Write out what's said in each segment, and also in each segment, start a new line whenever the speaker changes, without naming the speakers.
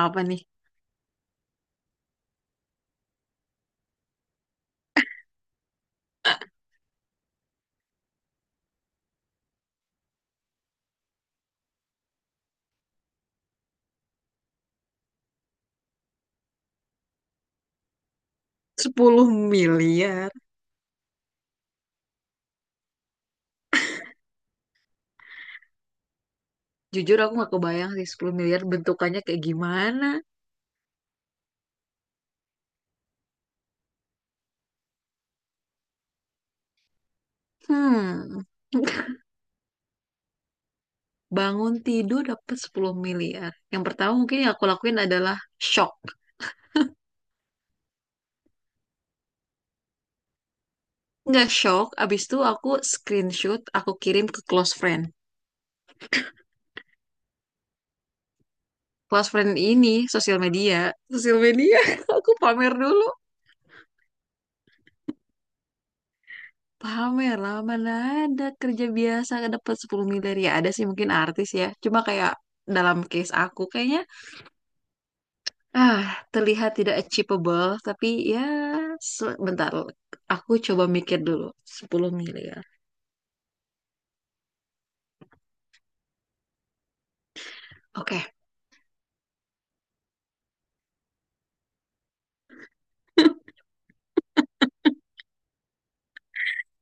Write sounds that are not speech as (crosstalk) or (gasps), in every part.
Apa nih? 10 miliar. Jujur aku nggak kebayang sih 10 miliar bentukannya kayak gimana. Hmm. (laughs) Bangun tidur dapat 10 miliar. Yang pertama mungkin yang aku lakuin adalah shock. Nggak shock, abis itu aku screenshot, aku kirim ke close friend. Close friend ini sosial media. Sosial media, (laughs) aku pamer dulu. Pamer lah, mana ada kerja biasa dapat 10 miliar. Ya ada sih mungkin artis ya. Cuma kayak dalam case aku kayaknya Ah, terlihat tidak achievable, tapi ya sebentar. Aku coba mikir dulu. 10 miliar. Oke. (laughs)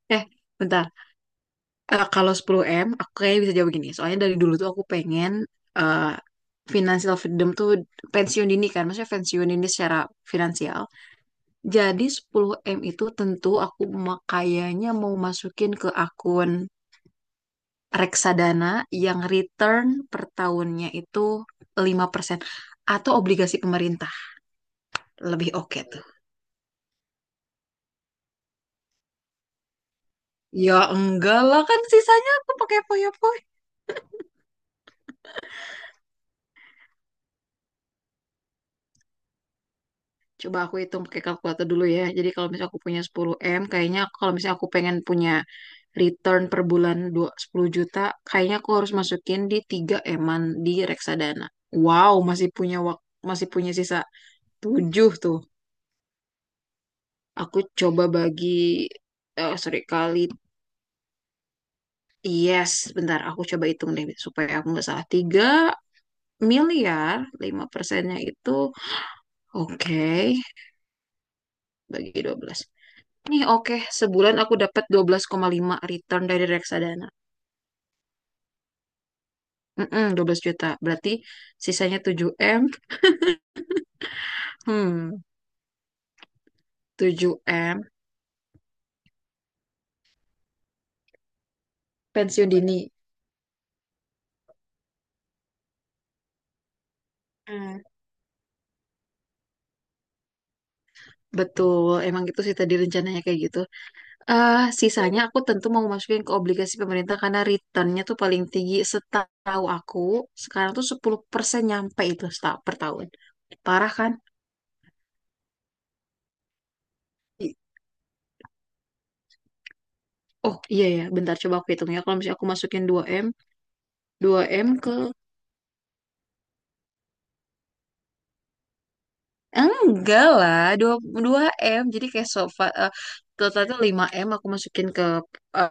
Eh, bentar. Eh, kalau sepuluh m aku kayaknya bisa jawab gini. Soalnya dari dulu tuh aku pengen eh, financial freedom tuh pensiun dini kan. Maksudnya pensiun dini secara finansial. Jadi sepuluh m itu tentu aku kayaknya mau masukin ke akun reksadana yang return per tahunnya itu 5% atau obligasi pemerintah. Lebih oke tuh. Ya enggak lah, kan sisanya aku pakai poyo-poyo. Coba aku hitung pakai kalkulator dulu ya. Jadi kalau misalnya aku punya sepuluh m, kayaknya kalau misalnya aku pengen punya return per bulan 10 juta, kayaknya aku harus masukin di tiga eman di reksadana. Wow, masih punya masih punya sisa 7 tuh. Aku coba bagi sorry kali, yes bentar, aku coba hitung deh supaya aku nggak salah. 3 miliar, 5 persennya itu, oke, bagi 12. Nih oke, sebulan aku dapat 12,5 return dari reksadana. Mm-mm, 12 juta. Berarti sisanya tujuh m. Hmm, Tujuh m pensiun dini. Hmm. Betul, emang gitu sih tadi rencananya kayak gitu. Eh sisanya aku tentu mau masukin ke obligasi pemerintah karena returnnya tuh paling tinggi setahu aku. Sekarang tuh 10% nyampe itu per tahun. Parah kan? I- Oh iya ya, bentar coba aku hitung ya. Kalau misalnya aku masukin dua m ke Enggak lah, dua dua M. Jadi kayak sofa, total tuh 5M aku masukin ke eh,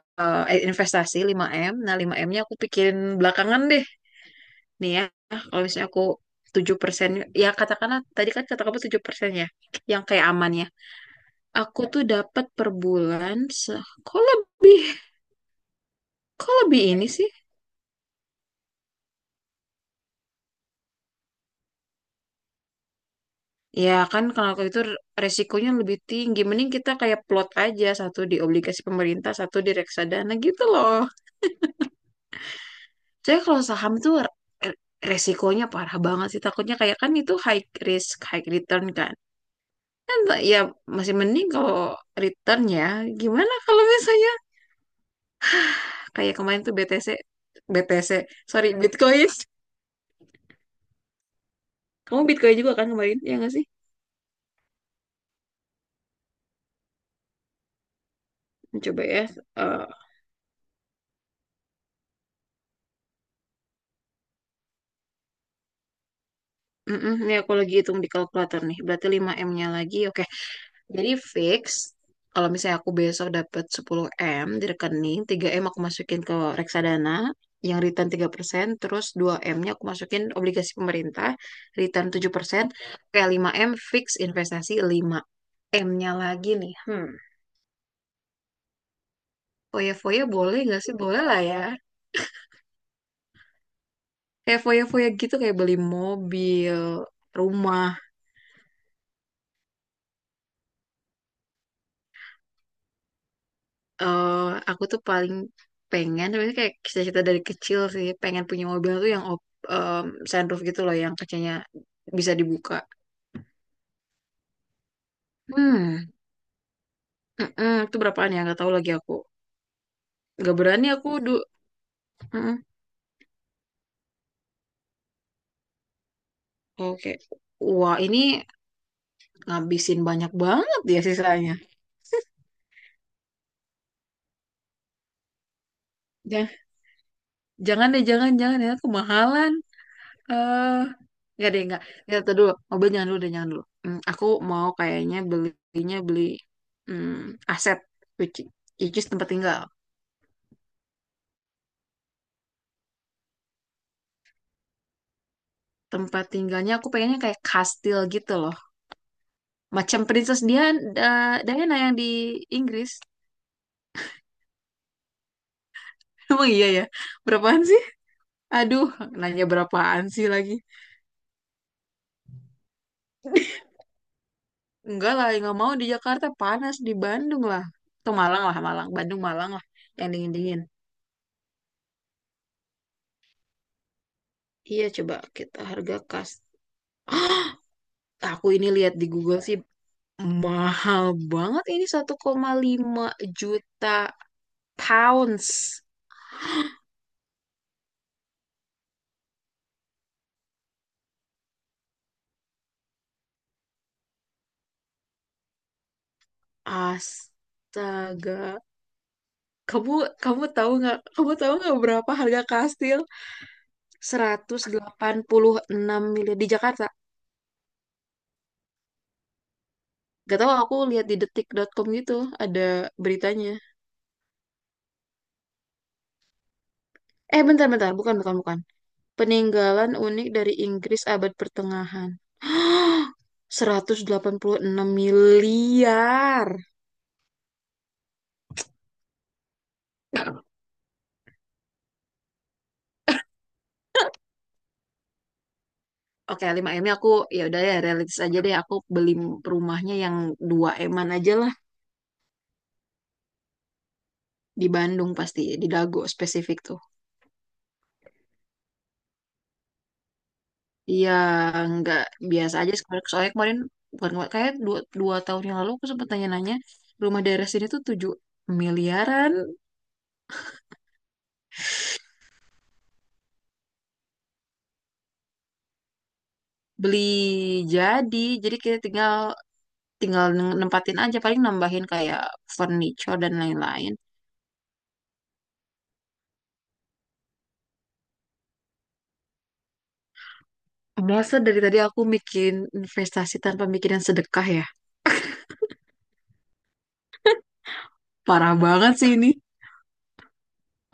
investasi lima m. Nah, lima m nya aku pikirin belakangan deh. Nih ya, kalau misalnya aku 7%, ya katakanlah tadi kan kata kamu 7% ya, yang kayak amannya. Aku tuh dapat per bulan, kok lebih ini sih? Ya kan kalau itu resikonya lebih tinggi. Mending kita kayak plot aja, satu di obligasi pemerintah, satu di reksadana gitu loh. Saya kalau saham tuh resikonya parah banget sih. Takutnya kayak kan itu high risk, high return kan. Kan ya masih mending kalau return ya. Gimana kalau misalnya kayak kemarin tuh BTC, sorry Bitcoin. (laughs) Kamu Bitcoin juga kan kemarin, ya nggak sih? Coba ya. eh, mm-mm, ini aku lagi hitung di kalkulator nih. Berarti lima m nya lagi. Oke, jadi fix, kalau misalnya aku besok dapat 10M di rekening, 3M aku masukin ke reksadana, yang return 3%, terus 2M-nya aku masukin obligasi pemerintah, return 7%, kayak 5M fix investasi. 5M-nya lagi nih. Foya-foya boleh nggak sih? Boleh lah ya. Kayak foya-foya gitu, kayak beli mobil, rumah, eh aku tuh paling pengen, sebenarnya kayak cita-cita dari kecil sih pengen punya mobil tuh yang em, sunroof gitu loh yang kacanya bisa dibuka. Hmm, mm-mm, itu berapaan ya? Nggak tahu lagi aku. Nggak berani aku du. Mm-mm. Oke. Wah, ini ngabisin banyak banget ya sisanya. Ja- Jangan deh, jangan, jangan ya. Kemahalan. eh nggak deh, nggak. Nggak, tuh dulu. Mobil jangan dulu deh, jangan dulu. Aku mau kayaknya belinya beli hmm, aset, which, which is tempat tinggal. Tempat tinggalnya aku pengennya kayak kastil gitu loh. Macam Princess Diana yang di Inggris. (laughs) Emang iya ya? Berapaan sih? Aduh, nanya berapaan sih lagi? (laughs) Enggak lah, nggak mau di Jakarta. Panas, di Bandung lah. Atau Malang lah, Malang. Bandung, Malang lah. Yang dingin-dingin. Iya, coba kita harga kas. (gasps) Aku ini lihat di Google sih, mahal banget ini 1,5 juta pounds. Astaga. Kamu kamu tahu nggak? Kamu tahu nggak berapa harga kastil? 186 miliar di Jakarta. Gak tahu, aku lihat di detik dot com gitu ada beritanya. Eh, bentar bentar, bukan bukan bukan. Peninggalan unik dari Inggris abad pertengahan. (gasps) 186 miliar. Oke, lima m nya aku ya udah ya realistis aja deh, aku beli rumahnya yang dua eman aja lah, di Bandung pasti, di Dago spesifik tuh. Iya, nggak biasa aja, soalnya soalnya kemarin, bukan kemarin, kayak dua tahun yang lalu aku sempat tanya-nanya rumah daerah sini tuh 7 miliaran, beli jadi. Jadi kita tinggal tinggal nempatin aja, paling nambahin kayak furniture dan lain-lain. Masa dari tadi aku bikin investasi tanpa mikirin sedekah ya? Parah banget sih ini.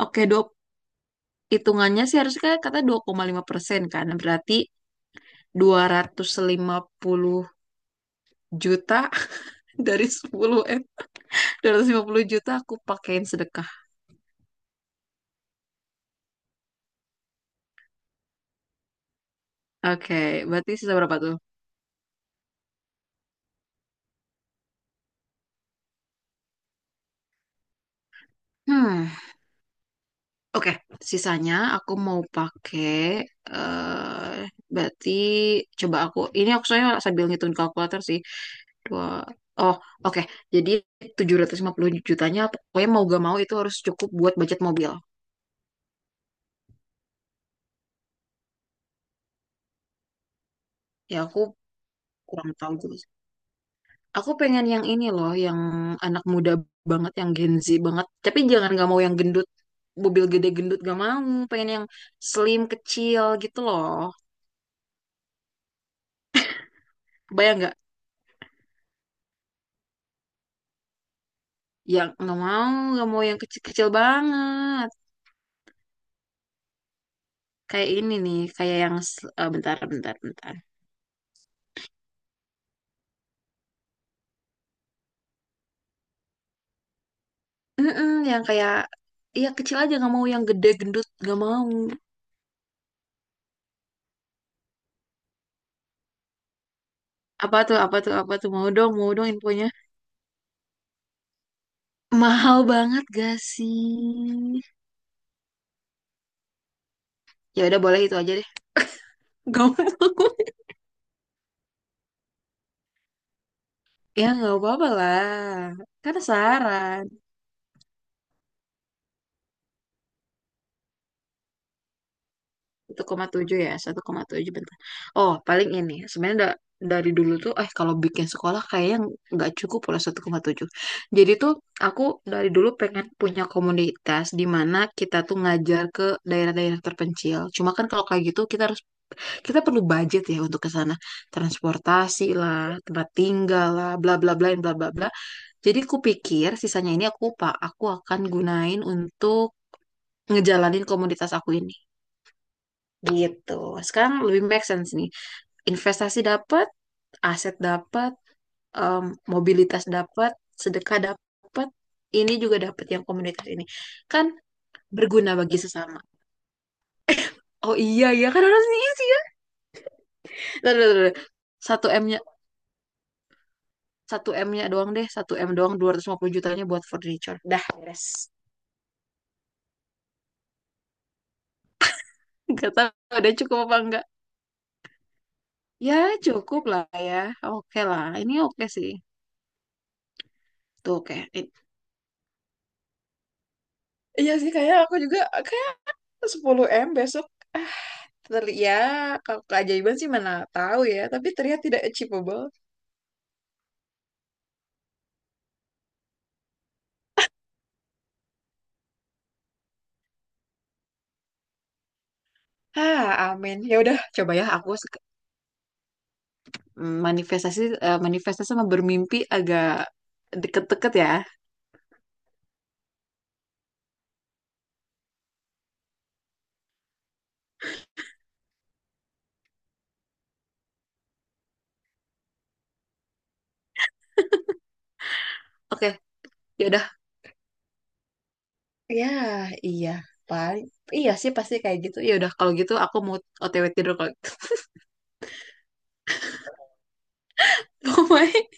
Oke, 20 hitungannya sih harusnya kayak kata 2,5% kan. Berarti 250 juta (laughs) dari 10 M. 250 juta aku pakein sedekah. Oke, berarti sisa berapa tuh? Hmm, oke. Sisanya aku mau pakai eh berarti coba aku ini, aku soalnya sambil ngitung kalkulator sih. Dua. Oh, oke. Jadi 750 jutanya pokoknya mau gak mau itu harus cukup buat budget mobil. Ya aku kurang tahu juga. Aku pengen yang ini loh, yang anak muda banget, yang Gen Z banget. Tapi jangan, gak mau yang gendut, mobil gede gendut gak mau. Pengen yang slim kecil gitu loh. Bayang gak? Yang gak mau yang kecil-kecil banget. Kayak ini nih, kayak yang bentar, bentar, bentar. Mm-mm, yang kayak, iya kecil aja gak mau yang gede gendut gak mau. Apa tuh, apa tuh, apa tuh? Mau dong infonya. Mahal banget gak sih? Ya udah boleh itu aja deh. (laughs) Gak mau. Ya nggak apa-apa lah. Kan saran. 1,7 ya, 1,7 bentar. Oh, paling ini. Sebenarnya dari dulu tuh, kalau bikin sekolah kayaknya nggak cukup pula 1,7. Jadi tuh aku dari dulu pengen punya komunitas di mana kita tuh ngajar ke daerah-daerah terpencil. Cuma kan kalau kayak gitu kita perlu budget ya untuk ke sana. Transportasi lah, tempat tinggal lah, bla bla bla bla bla bla. Jadi aku pikir sisanya ini aku akan gunain untuk ngejalanin komunitas aku ini gitu. Sekarang lebih make sense nih. Investasi dapat, aset dapat, mobilitas dapat, sedekah dapat, ini juga dapat yang komunitas ini. Kan berguna bagi sesama. Oh iya ya, kan harusnya isi. Tuh, tuh, tuh, tuh. Satu M-nya, satu M-nya doang deh, satu M doang, 250 jutanya buat furniture. Dah, beres. Gak tahu ada cukup apa enggak. Ya, cukup lah ya. Oke lah. Ini oke sih. Tuh, oke. Iya sih, kayak aku juga (laughs) 10M besok, ah ya kalau keajaiban sih mana tahu ya, tapi terlihat tidak achievable. ah Amin, ya udah coba ya, aku sek- mm, manifestasi eh, manifestasi sama bermimpi agak deket-deket ya. Oke, ya udah, ya iya paling iya sih pasti kayak gitu. Ya udah kalau gitu aku mau OTW tidur kalau gitu. (laughs) Bye.